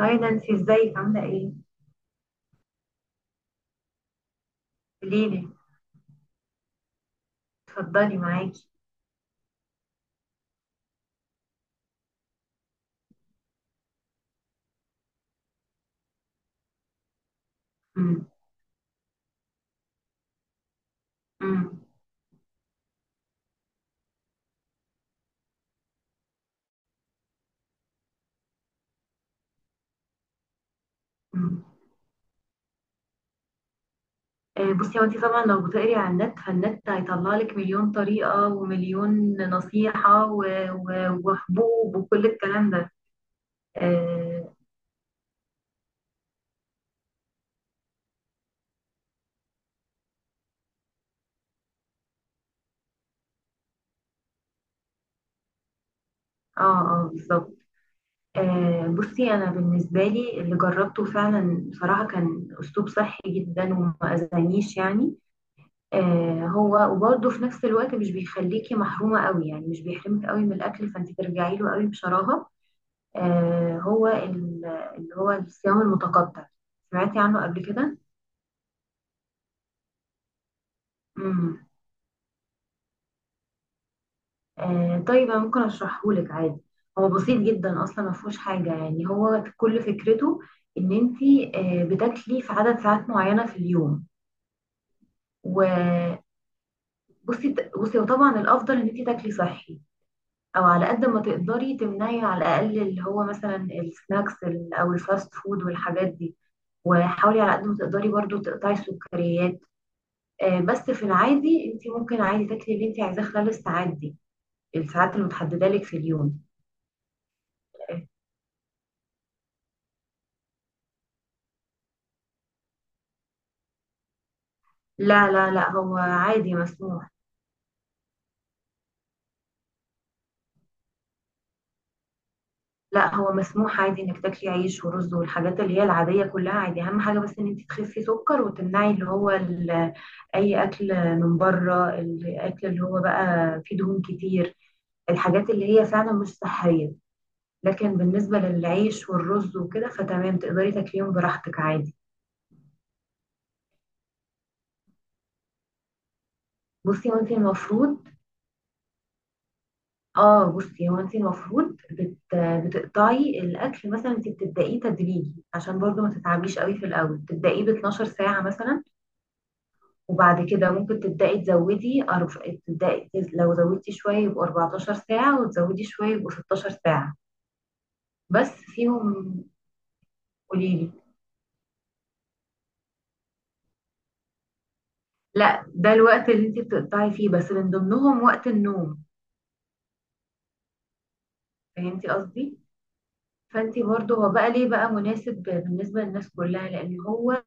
هاي نانسي، ازيك؟ عاملة ايه؟ قوليلي، اتفضلي معاكي. مم. مم. مم. آه، بصي هو انت طبعا لو بتقري على النت فالنت هيطلع لك مليون طريقة ومليون نصيحة وحبوب وكل الكلام ده. اه، اه، آه، بالظبط. آه، بصي انا بالنسبة لي اللي جربته فعلا بصراحة كان اسلوب صحي جدا وما اذانيش يعني. آه، هو وبرضه في نفس الوقت مش بيخليكي محرومة قوي، يعني مش بيحرمك قوي من الأكل فأنت ترجعي له قوي بشراهة. آه هو ال- اللي هو الصيام المتقطع، سمعتي عنه قبل كده؟ امم. آه، طيب انا ممكن اشرحه لك عادي. هو بسيط جدا، اصلا ما فيهوش حاجه، يعني هو كل فكرته ان انت آه بتاكلي في عدد ساعات معينه في اليوم. وبصي وطبعا الافضل ان انت تاكلي صحي، او على قد ما تقدري تمنعي على الاقل اللي هو مثلا السناكس او الفاست فود والحاجات دي، وحاولي على قد ما تقدري برضو تقطعي السكريات. آه، بس في العادي انت ممكن عادي تاكلي اللي انت عايزاه خلال الساعات دي، الساعات المتحدده لك في اليوم. لا لا لا، هو عادي مسموح. لا، هو مسموح عادي انك تاكلي عيش ورز والحاجات اللي هي العاديه كلها عادي. اهم حاجه بس ان انت تخسي سكر وتمنعي اللي هو اي اكل من بره، الاكل اللي هو بقى فيه دهون كتير، الحاجات اللي هي فعلا مش صحيه. لكن بالنسبه للعيش والرز وكده فتمام، تقدري تاكليهم براحتك عادي. بصي وانت المفروض، اه بصي هو انت المفروض بتقطعي الاكل. مثلا انت بتبدأيه تدريجي عشان برضو ما تتعبيش قوي في الاول، تبدأيه ب 12 ساعة مثلا، وبعد كده ممكن تبدأي تزودي لو زودتي شوية يبقوا 14 ساعة، وتزودي شوية يبقوا 16 ساعة بس فيهم. قوليلي، لا ده الوقت اللي انت بتقطعي فيه بس من ضمنهم وقت النوم. فهمتي قصدي؟ فانت برضو، هو بقى ليه بقى مناسب بالنسبة للناس كلها؟ لان هو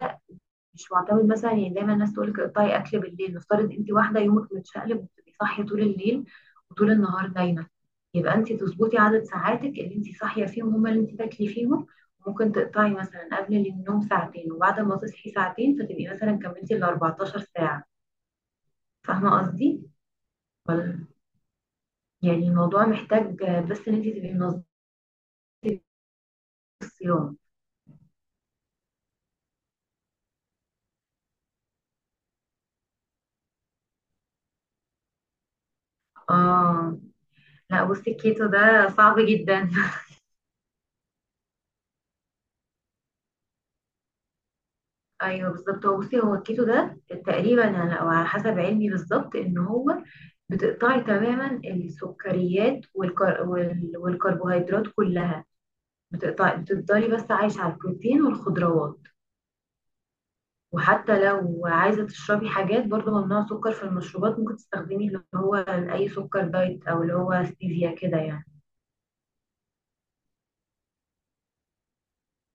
مش معتمد مثلا، يعني دايما الناس تقول لك اقطعي اكل بالليل. نفترض انت واحده يومك متشقلب وبتبقي صاحيه طول الليل وطول النهار نايمه، يبقى انت تظبطي عدد ساعاتك اللي انت صاحيه فيهم هما اللي انت تاكلي فيهم. ممكن تقطعي مثلا قبل النوم ساعتين وبعد ما تصحي ساعتين، فتبقي مثلا كملتي ال 14 ساعه. فاهمه قصدي؟ ولا- يعني الموضوع محتاج بس ان انت تبقي منظمه الصيام. اه. لا بصي، الكيتو ده صعب جدا. ايوه بالظبط. هو بصي، هو الكيتو ده تقريبا انا او على حسب علمي بالظبط، ان هو بتقطعي تماما السكريات والكربوهيدرات كلها. بتقطعي، بتفضلي بس عايشه على البروتين والخضروات. وحتى لو عايزه تشربي حاجات برضه ممنوع سكر في المشروبات، ممكن تستخدمي اللي هو اي سكر دايت او اللي هو ستيفيا كده يعني.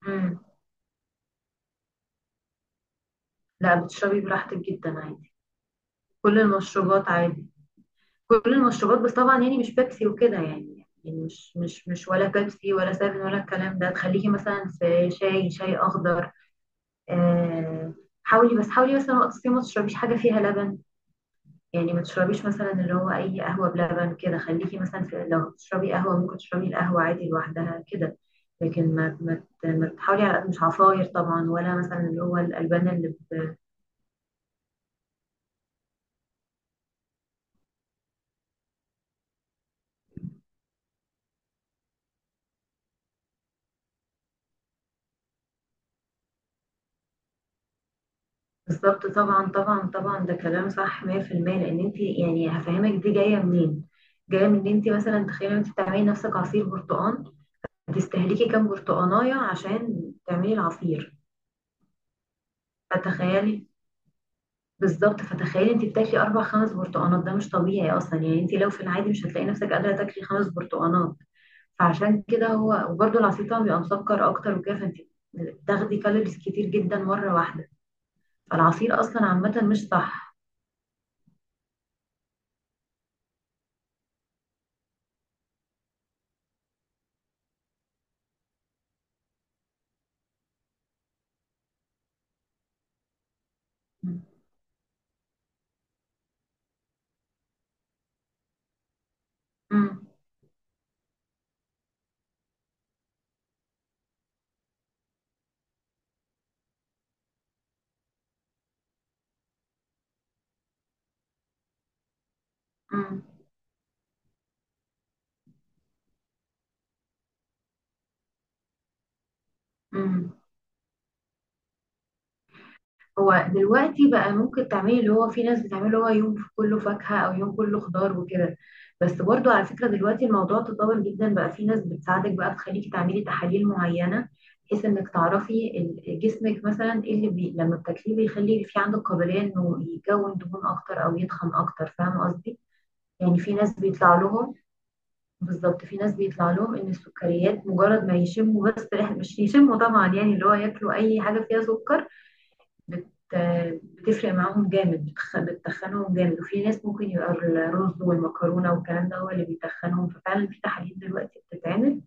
امم. لا، بتشربي براحتك جدا عادي. كل المشروبات عادي، كل المشروبات. بس طبعا يعني مش بيبسي وكده، يعني يعني مش ولا بيبسي ولا سفن ولا الكلام ده. تخليكي مثلا في شاي اخضر. آه، حاولي، بس حاولي مثلا وقت الصيام ما تشربيش حاجه فيها لبن، يعني ما تشربيش مثلا اللي هو اي قهوه بلبن كده. خليكي مثلا في، لو تشربي قهوه ممكن تشربي القهوه عادي لوحدها كده. لكن ما تحاولي على قد، مش عصاير طبعا ولا مثلا اللي هو الالبان. بالضبط، طبعًا، طبعًا، طبعًا، ده كلام صح 100%. لإن أنتِ، يعني هافهمِك دي جاية منين، جاية من إن أنتِ مثلًا تخيلي أنتِ بتعملي لنفسِك عصير برتقان، هتستهلكي كام برتقاناية عشان تعملي العصير، فتخيلي، بالضبط، فتخيلي أنتِ بتاكلي 4، 5 برتقانات، ده مش طبيعي أصلًا. يعني أنتِ لو في العادي مش هتلاقي نفسِك قادرة تاكلي 5 برتقانات. فعشان كده هو وبرضه العصير طبعًا بيبقى مسكر أكتر وكده، فأنتِ بتاخدي كالوريز كتير جدًا مرة واحدة. فالعصير أصلًا عامةً مش صح. إمم. إمم. إمم. امم. هو دلوقتي بقى ممكن تعملي اللي هو في ناس بتعمله، اللي هو يوم كله فاكهة او يوم كله خضار وكده. بس برضو على فكرة دلوقتي الموضوع تطور جدا، بقى في ناس بتساعدك بقى تخليكي تعملي تحاليل معينة، بحيث انك تعرفي جسمك مثلا ايه اللي لما بتاكليه بيخلي في عندك قابلية انه يكون دهون اكتر او يتخن اكتر. فاهمة قصدي؟ يعني في ناس بيطلع لهم، بالظبط، في ناس بيطلع لهم ان السكريات مجرد ما يشموا بس ريحة، مش يشموا طبعا، يعني اللي هو ياكلوا اي حاجة فيها سكر، بت... بتفرق معاهم جامد، بتتخنهم جامد. وفي ناس ممكن يبقى الرز والمكرونه والكلام ده هو اللي بيتخنهم. ففعلا في تحاليل دلوقتي بتتعمل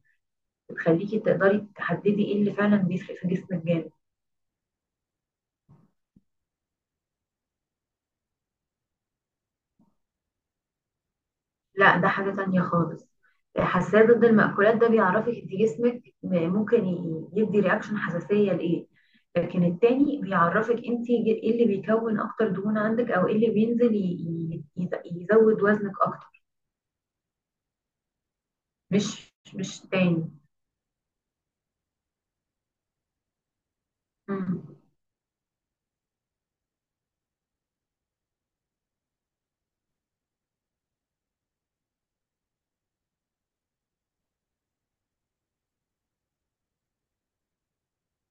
بتخليكي تقدري تحددي ايه اللي فعلا بيفرق في جسمك جامد. لا ده حاجه تانية خالص. حساسيه ضد المأكولات ده بيعرفك انت جسمك ممكن يدي رياكشن حساسيه لايه، لكن التاني بيعرفك انت ايه اللي بيكون اكتر دهون عندك او ايه اللي بينزل يزود وزنك اكتر. مش مش تاني مم.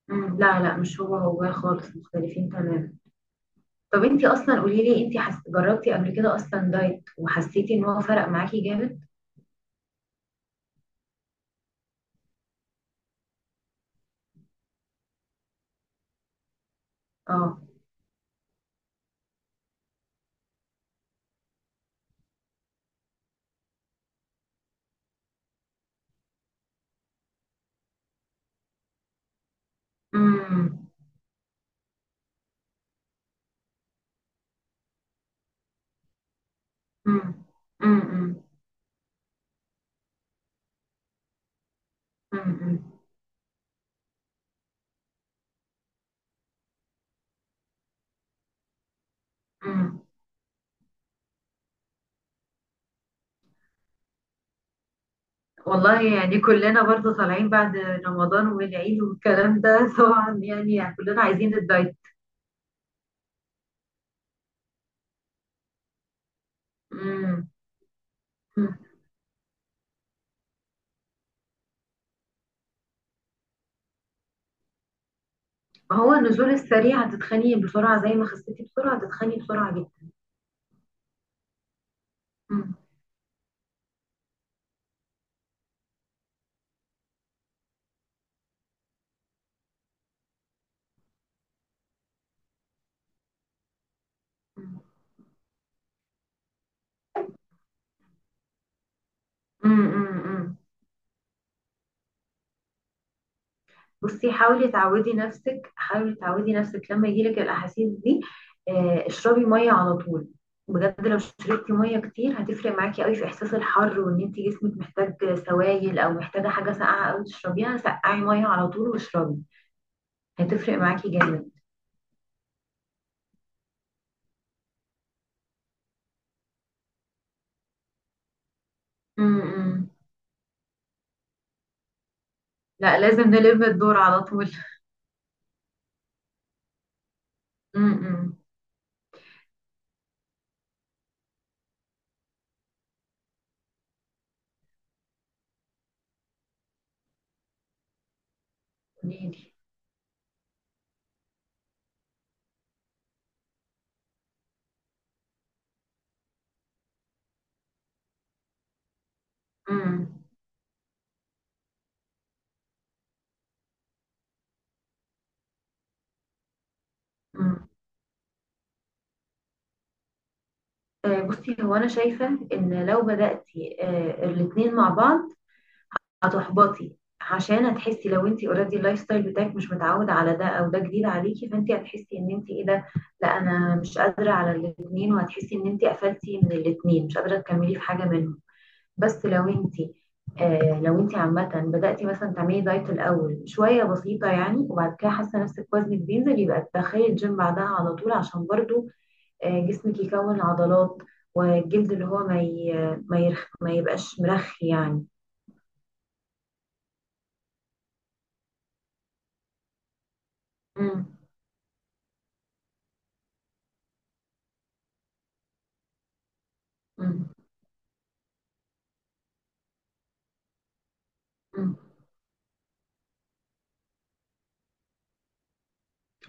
مم، لا مش هو، هو خالص مختلفين تماما. طب انتي اصلا قولي لي انتي جربتي قبل كده اصلا دايت وحسيتي ان هو فرق معاكي جامد؟ اه. امم. امم. امم. امم. امم. والله يعني كلنا برضه طالعين بعد رمضان والعيد والكلام ده. طبعا يعني، يعني كلنا عايزين الدايت. امم. ما هو النزول السريع هتتخني بسرعة. زي ما خسيتي بسرعة هتتخني بسرعة جدا. امم. امم. امم. بصي حاولي تعودي نفسك، حاولي تعودي نفسك لما يجيلك الأحاسيس دي، آه، اشربي مية على طول. بجد لو شربتي مية كتير هتفرق معاكي قوي في إحساس الحر وإن انت جسمك محتاج سوائل أو محتاجة حاجة ساقعة قوي تشربيها. سقعي مية على طول واشربي، هتفرق معاكي جامد. امم. لا لازم نلم الدور على طول. امم. قوليلي. امم. امم. آه، بصي هو انا شايفه ان لو بداتي آه، الاتنين مع بعض هتحبطي. عشان هتحسي، لو انت اوريدي اللايف ستايل بتاعك مش متعود على ده او ده جديد عليكي، فانت هتحسي ان انت ايه ده، لا انا مش قادره على الاثنين، وهتحسي ان انت قفلتي من الاثنين مش قادره تكملي في حاجه منهم. بس لو انت آه، لو انت عامه بداتي مثلا تعملي دايت الاول شويه بسيطه يعني، وبعد كده حاسه نفسك وزنك بينزل، يبقى تدخلي الجيم بعدها على طول، عشان برضو آه جسمك يكون عضلات، والجلد اللي هو ما يبقاش مرخي يعني. مم. مم. مم.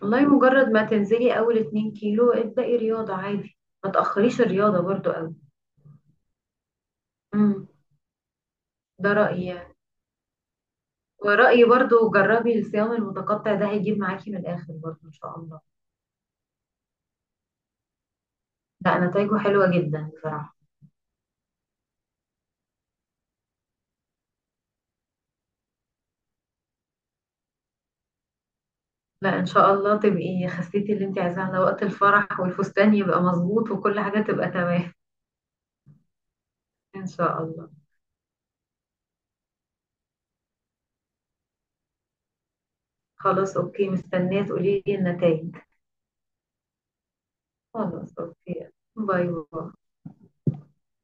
والله مجرد ما تنزلي اول 2 كيلو ابدأي رياضة عادي، ما تأخريش الرياضة برضو قوي. مم. ده رأيي يعني. ورأيي برضو جربي الصيام المتقطع، ده هيجيب معاكي من الآخر برضو إن شاء الله. لا نتايجه حلوة جدا بصراحة. لا إن شاء الله تبقي خسيتي اللي انت عايزاه على وقت الفرح، والفستان يبقى مظبوط وكل حاجة تبقى تمام. إن شاء الله. خلاص أوكي، مستنية تقولي لي النتايج. خلاص أوكي، باي باي.